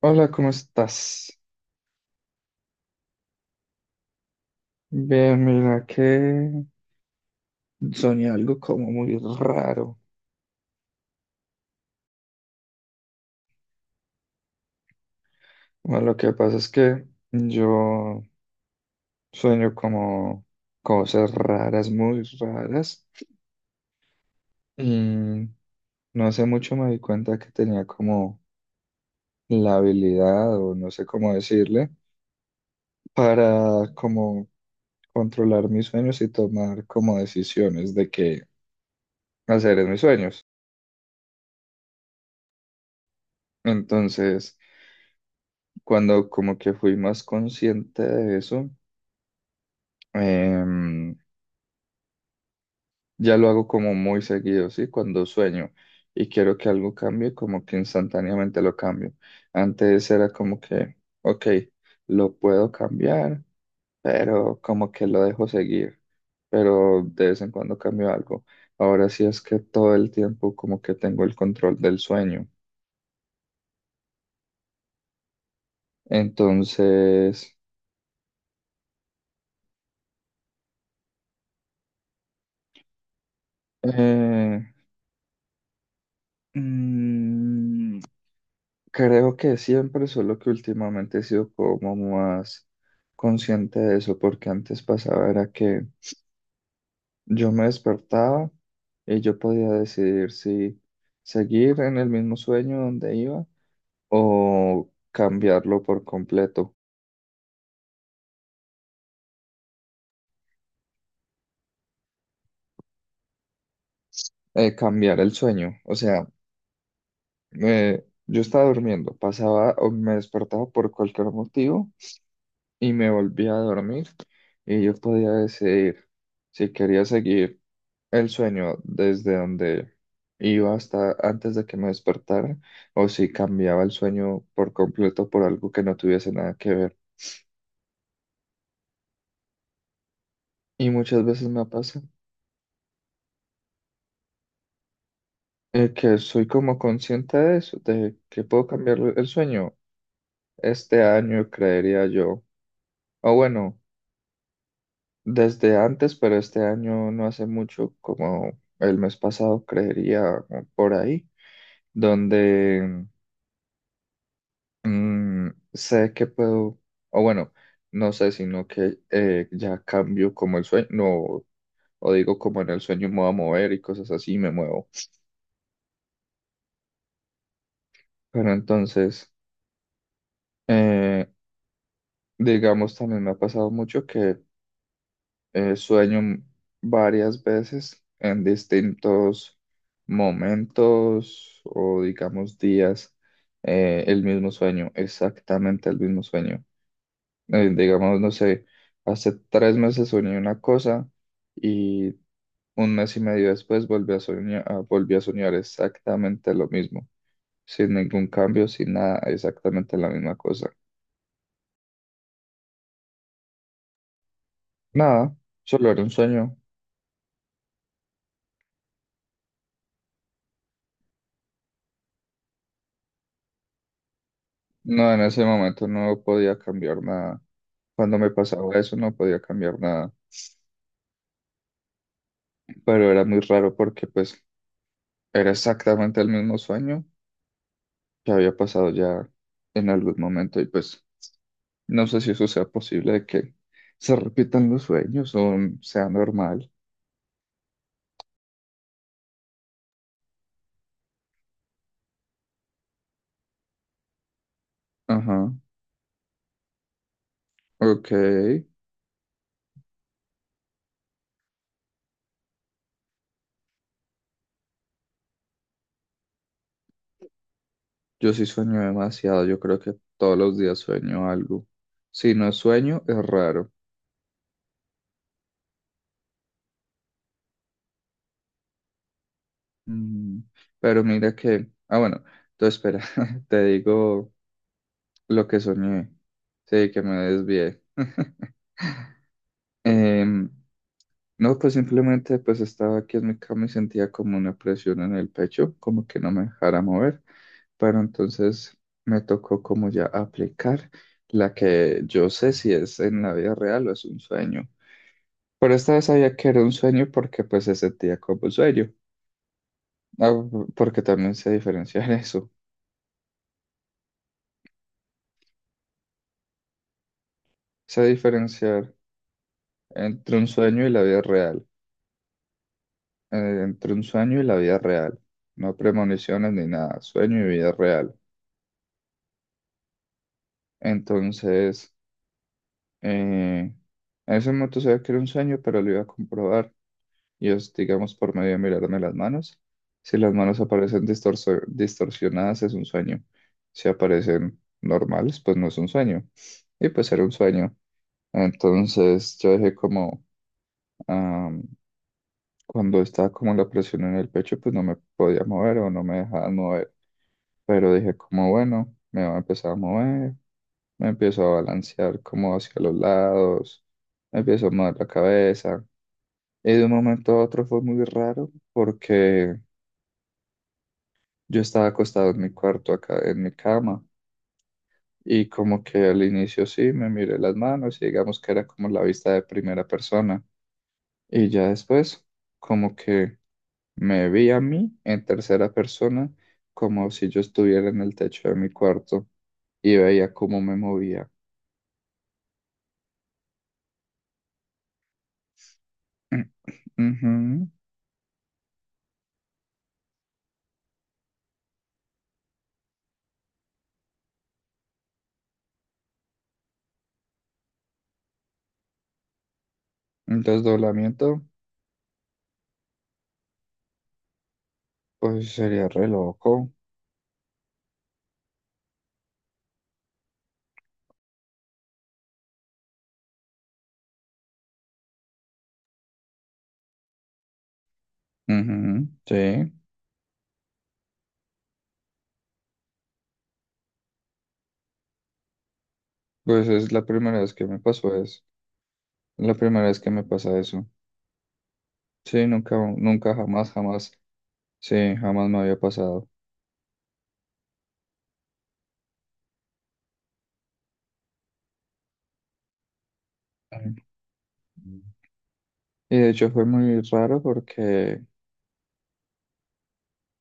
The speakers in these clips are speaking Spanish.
Hola, ¿cómo estás? Bien, mira que soñé algo como muy raro. Bueno, lo que pasa es que yo sueño como cosas raras, muy raras. Y no hace mucho me di cuenta que tenía como la habilidad, o no sé cómo decirle, para como controlar mis sueños y tomar como decisiones de qué hacer en mis sueños. Entonces, cuando como que fui más consciente de eso, em, ya lo hago como muy seguido, ¿sí? Cuando sueño y quiero que algo cambie, como que instantáneamente lo cambio. Antes era como que, ok, lo puedo cambiar, pero como que lo dejo seguir, pero de vez en cuando cambio algo. Ahora sí es que todo el tiempo como que tengo el control del sueño. Entonces, eh, mm, creo que siempre, solo que últimamente he sido como más consciente de eso, porque antes pasaba era que yo me despertaba y yo podía decidir si seguir en el mismo sueño donde iba o cambiarlo por completo, cambiar el sueño. O sea, yo estaba durmiendo, pasaba o me despertaba por cualquier motivo y me volvía a dormir y yo podía decidir si quería seguir el sueño desde donde iba hasta antes de que me despertara, o si cambiaba el sueño por completo por algo que no tuviese nada que ver. Y muchas veces me pasa que soy como consciente de eso, de que puedo cambiar el sueño este año, creería yo. O bueno, desde antes, pero este año no hace mucho, como el mes pasado, creería o por ahí, donde sé que puedo, o bueno, no sé, sino que ya cambio como el sueño, no, o digo como en el sueño me voy a mover y cosas así, me muevo. Pero entonces, eh, digamos, también me ha pasado mucho que sueño varias veces en distintos momentos o digamos días, el mismo sueño, exactamente el mismo sueño. Digamos, no sé, hace tres meses soñé una cosa y un mes y medio después volví a soñar exactamente lo mismo, sin ningún cambio, sin nada, exactamente la misma cosa. Nada, solo era un sueño. No, en ese momento no podía cambiar nada. Cuando me pasaba eso no podía cambiar nada, pero era muy raro porque pues era exactamente el mismo sueño que había pasado ya en algún momento y pues no sé si eso sea posible de que se repitan los sueños o sea normal. Ajá, ok. Yo sí sueño demasiado. Yo creo que todos los días sueño algo. Si no sueño, es raro. Mm, Pero mira que... Ah, bueno. Entonces, espera, te digo lo que soñé. Sí, que me desvié. Em, No, pues simplemente pues estaba aquí en mi cama y sentía como una presión en el pecho, como que no me dejara mover, pero entonces me tocó como ya aplicar la que yo sé si es en la vida real o es un sueño. Pero esta vez sabía que era un sueño porque pues se sentía como un sueño, ah, porque también sé diferenciar eso, sé diferenciar entre un sueño y la vida real, entre un sueño y la vida real, no premoniciones ni nada, sueño y vida real. Entonces... Eh, en ese momento sabía que era un sueño, pero lo iba a comprobar. Y es, digamos, por medio de mirarme las manos. Si las manos aparecen distorsionadas, es un sueño. Si aparecen normales, pues no es un sueño. Y pues era un sueño. Entonces yo dije como, cuando estaba como la presión en el pecho, pues no me podía mover o no me dejaban mover. Pero dije como, bueno, me voy a empezar a mover, me empiezo a balancear como hacia los lados, me empiezo a mover la cabeza. Y de un momento a otro fue muy raro porque yo estaba acostado en mi cuarto acá, en mi cama. Y como que al inicio sí, me miré las manos y digamos que era como la vista de primera persona. Y ya después, como que... Me vi a mí en tercera persona como si yo estuviera en el techo de mi cuarto y veía cómo me movía. Ujú. El desdoblamiento, pues sería re loco. Ujú, sí, pues es la primera vez que me pasó eso. La primera vez que me pasa eso. Sí, nunca, nunca, jamás, jamás. Sí, jamás me había pasado. Ujú. Y de hecho fue muy raro porque,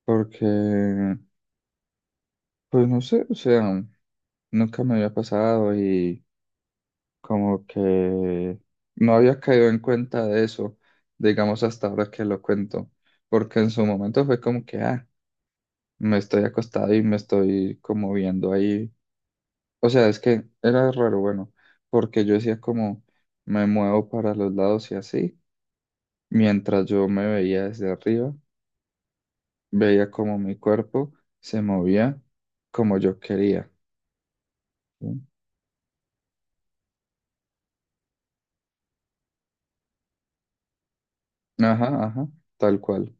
porque, pues no sé, o sea, nunca me había pasado y como que no había caído en cuenta de eso, digamos hasta ahora que lo cuento, porque en su momento fue como que, ah, me estoy acostado y me estoy como viendo ahí. O sea, es que era raro, bueno, porque yo decía como me muevo para los lados y así, mientras yo me veía desde arriba, veía como mi cuerpo se movía como yo quería. ¿Sí? Ajá, ajá, tal cual.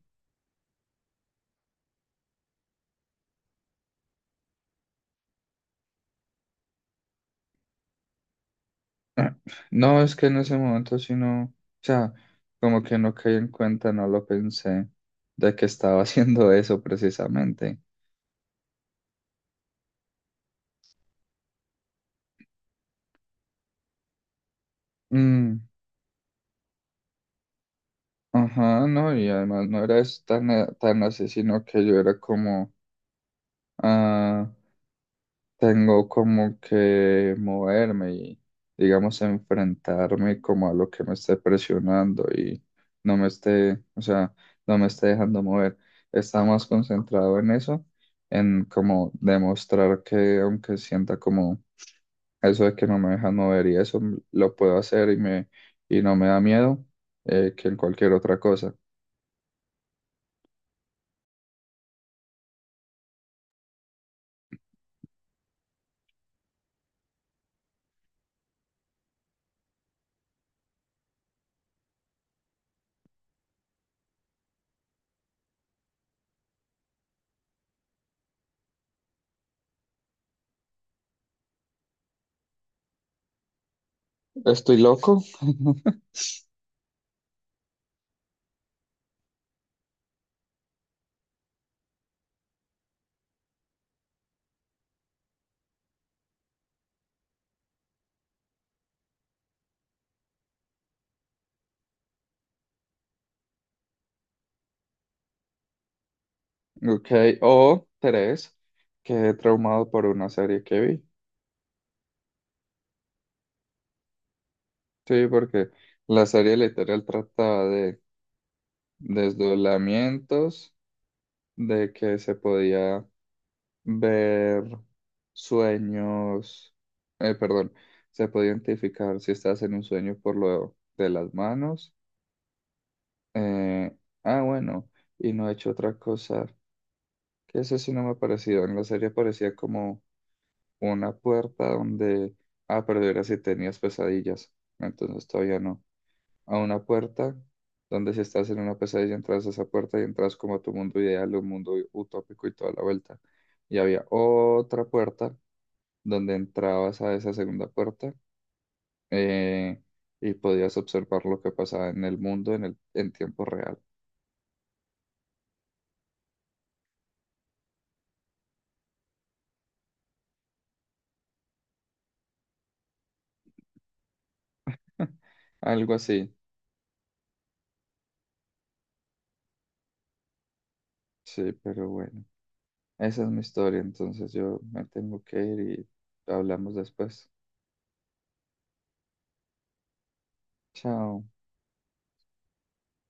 Ah, no, es que en ese momento sí no, o sea, como que no caí en cuenta, no lo pensé de que estaba haciendo eso precisamente. Mm, ajá, no, y además no era tan así, sino que yo era como, ah, tengo como que moverme y, digamos, enfrentarme como a lo que me esté presionando y no me esté, o sea, no me esté dejando mover. Está más concentrado en eso, en como demostrar que aunque sienta como eso de que no me dejan mover y eso lo puedo hacer y me y no me da miedo que en cualquier otra cosa. Estoy loco. Ok, o tres, quedé traumado por una serie que vi. Sí, porque la serie literal trataba de desdoblamientos, de que se podía ver sueños, perdón, se podía identificar si estás en un sueño por lo de las manos. eh, ah, bueno, y no he hecho otra cosa, que eso sí no me ha parecido. En la serie parecía como una puerta donde, ah, pero era si tenías pesadillas, entonces todavía no. A una puerta donde si estás en una pesadilla entras a esa puerta y entras como a tu mundo ideal, un mundo utópico y toda la vuelta. Y había otra puerta donde entrabas a esa segunda puerta eh, y podías observar lo que pasaba en el mundo en en tiempo real. Algo así. Sí, pero bueno, esa es mi historia, entonces yo me tengo que ir y hablamos después. Chao.